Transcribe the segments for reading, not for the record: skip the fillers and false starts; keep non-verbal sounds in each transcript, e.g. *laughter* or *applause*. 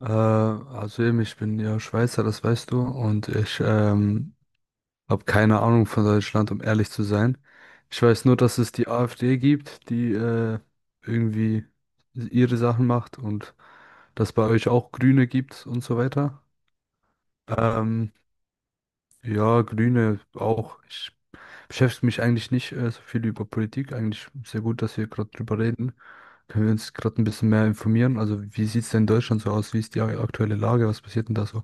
Also eben, ich bin ja Schweizer, das weißt du, und ich habe keine Ahnung von Deutschland, um ehrlich zu sein. Ich weiß nur, dass es die AfD gibt, die irgendwie ihre Sachen macht und dass bei euch auch Grüne gibt und so weiter. Ähm, ja, Grüne auch. Ich beschäftige mich eigentlich nicht so viel über Politik. Eigentlich sehr gut, dass wir gerade drüber reden. Können wir uns gerade ein bisschen mehr informieren? Also, wie sieht es denn in Deutschland so aus? Wie ist die aktuelle Lage? Was passiert denn da so?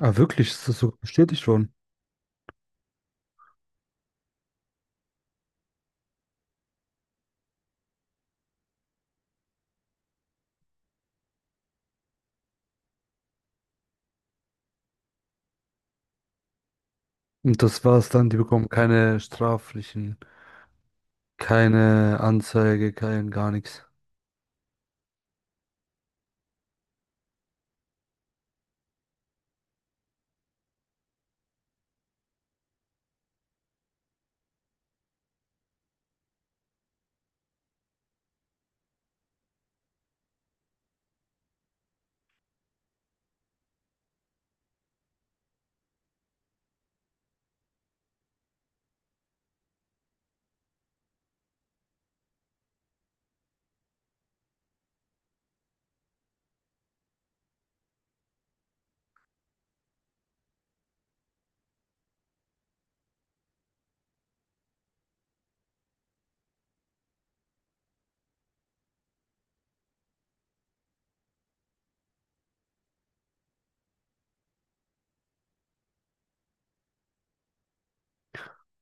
Ah, wirklich, ist das so bestätigt worden? Und das war's dann, die bekommen keine straflichen, keine Anzeige, kein gar nichts.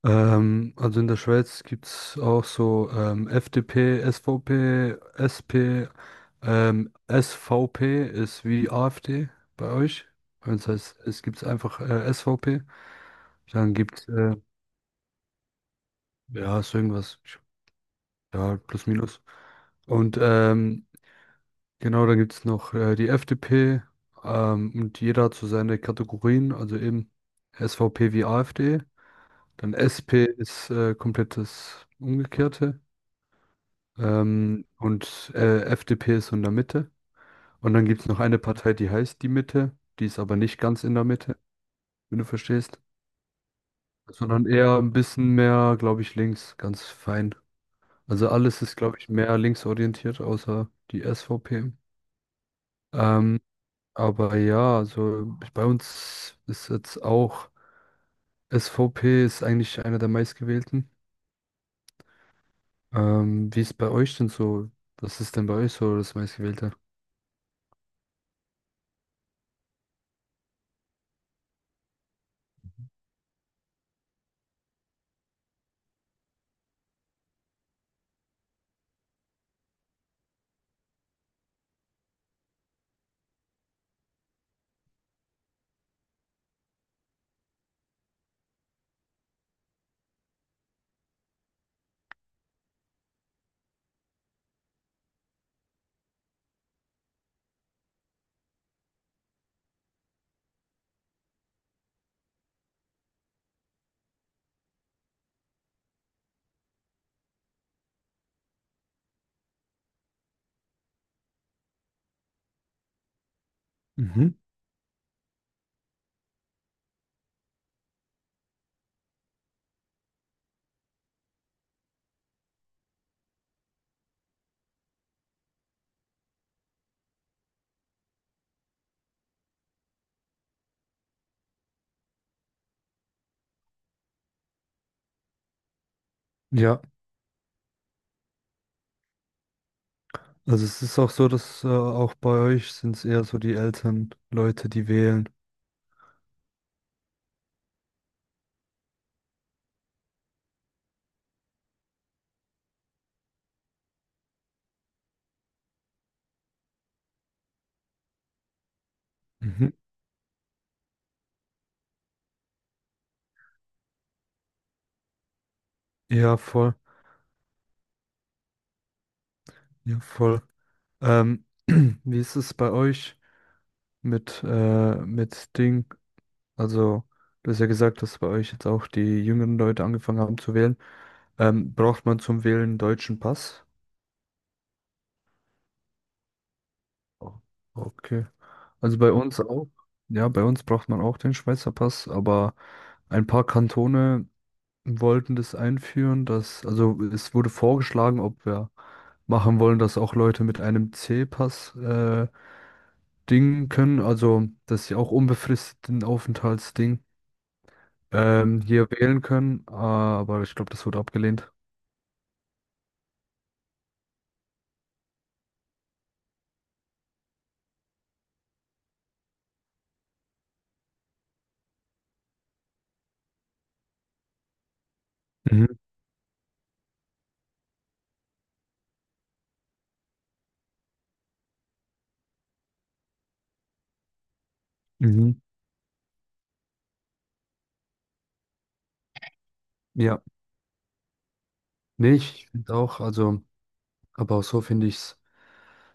Also in der Schweiz gibt's auch so FDP, SVP, SP, SVP ist wie AfD bei euch. Bei uns heißt es gibt's einfach SVP. Dann gibt's, ja, ist irgendwas, ja, plus minus. Und ähm, Genau, dann gibt es noch die FDP und jeder hat so seine Kategorien, also eben SVP wie AfD. Dann SP ist komplett das Umgekehrte, und FDP ist so in der Mitte. Und dann gibt es noch eine Partei, die heißt die Mitte, die ist aber nicht ganz in der Mitte, wenn du verstehst, sondern eher ein bisschen mehr, glaube ich, links, ganz fein. Also alles ist, glaube ich, mehr linksorientiert, außer die SVP. Ähm, Aber ja, also bei uns ist jetzt auch, SVP ist eigentlich einer der meistgewählten. Wie ist bei euch denn so? Was ist denn bei euch so das meistgewählte? Mhm. Ja, also es ist auch so, dass auch bei euch sind es eher so die älteren Leute, die wählen. Mhm. Ja, voll. Ja, voll. Ähm, *clears throat* wie ist es bei euch mit, mit Ding? Also, du hast ja gesagt, dass bei euch jetzt auch die jüngeren Leute angefangen haben zu wählen. Braucht man zum Wählen einen deutschen Pass? O- Okay. Also bei uns auch. Ja, bei uns braucht man auch den Schweizer Pass, aber ein paar Kantone wollten das einführen, dass, also es wurde vorgeschlagen, ob wir machen wollen, dass auch Leute mit einem C-Pass dingen können, also dass sie auch unbefristeten Aufenthaltsding hier wählen können, aber ich glaube, das wurde abgelehnt. Mhm, mhm. Ja, nee, ich finde auch, also, aber auch so finde ich's.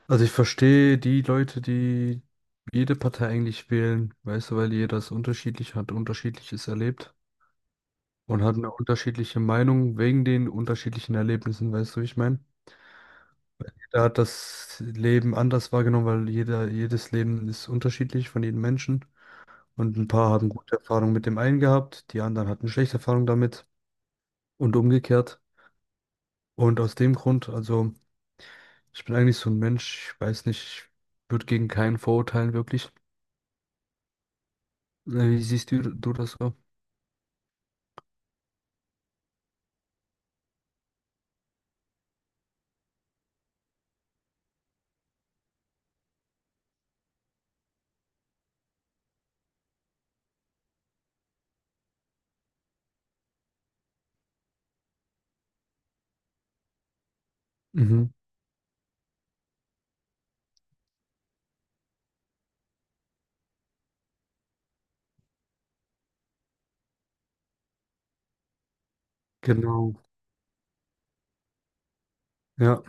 Also ich verstehe die Leute, die jede Partei eigentlich wählen, weißt du, weil jeder es unterschiedlich hat, unterschiedliches erlebt und hat eine unterschiedliche Meinung wegen den unterschiedlichen Erlebnissen, weißt du, wie ich meine? Jeder hat das Leben anders wahrgenommen, weil jeder, jedes Leben ist unterschiedlich von jedem Menschen. Und ein paar haben gute Erfahrungen mit dem einen gehabt, die anderen hatten schlechte Erfahrungen damit und umgekehrt. Und aus dem Grund, also. Ich bin eigentlich so ein Mensch, ich weiß nicht, ich würde gegen keinen verurteilen, wirklich. Wie siehst du das so? Mhm. Genau. Ja.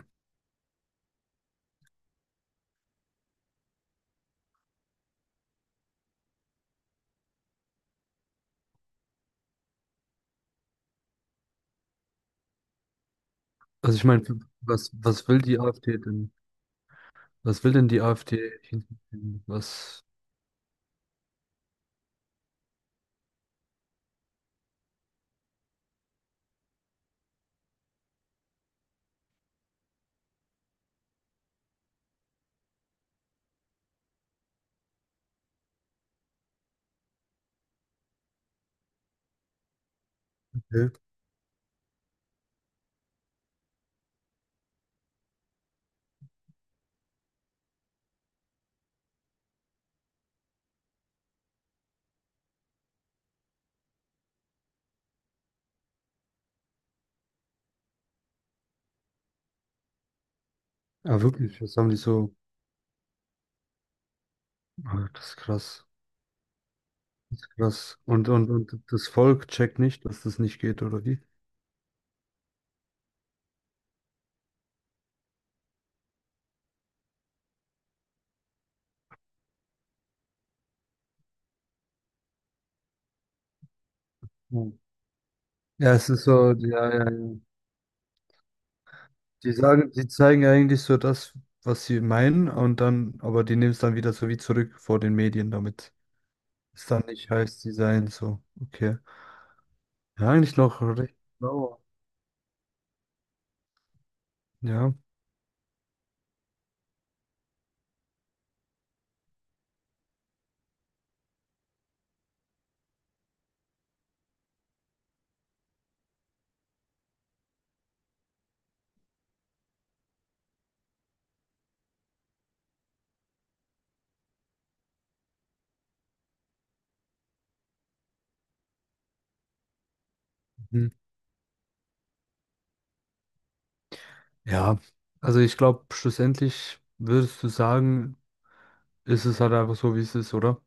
Also ich meine, was will die AfD denn? Was will denn die AfD? Hinten? Was? Okay. Ah, wirklich, was haben die so? Ah, das ist krass. Das ist krass. Und das Volk checkt nicht, dass das nicht geht, oder wie? Ja, ja, es ist so, ja, ja, ja. Die sagen, die zeigen eigentlich so das, was sie meinen, und dann, aber die nehmen es dann wieder so wie zurück vor den Medien damit. Ist dann nicht heiß Design so. Okay. Ja, eigentlich noch recht blau. Ja. Mhm. Ja. Also ich glaube, schlussendlich würdest du sagen, ist es halt einfach so, wie es ist, oder?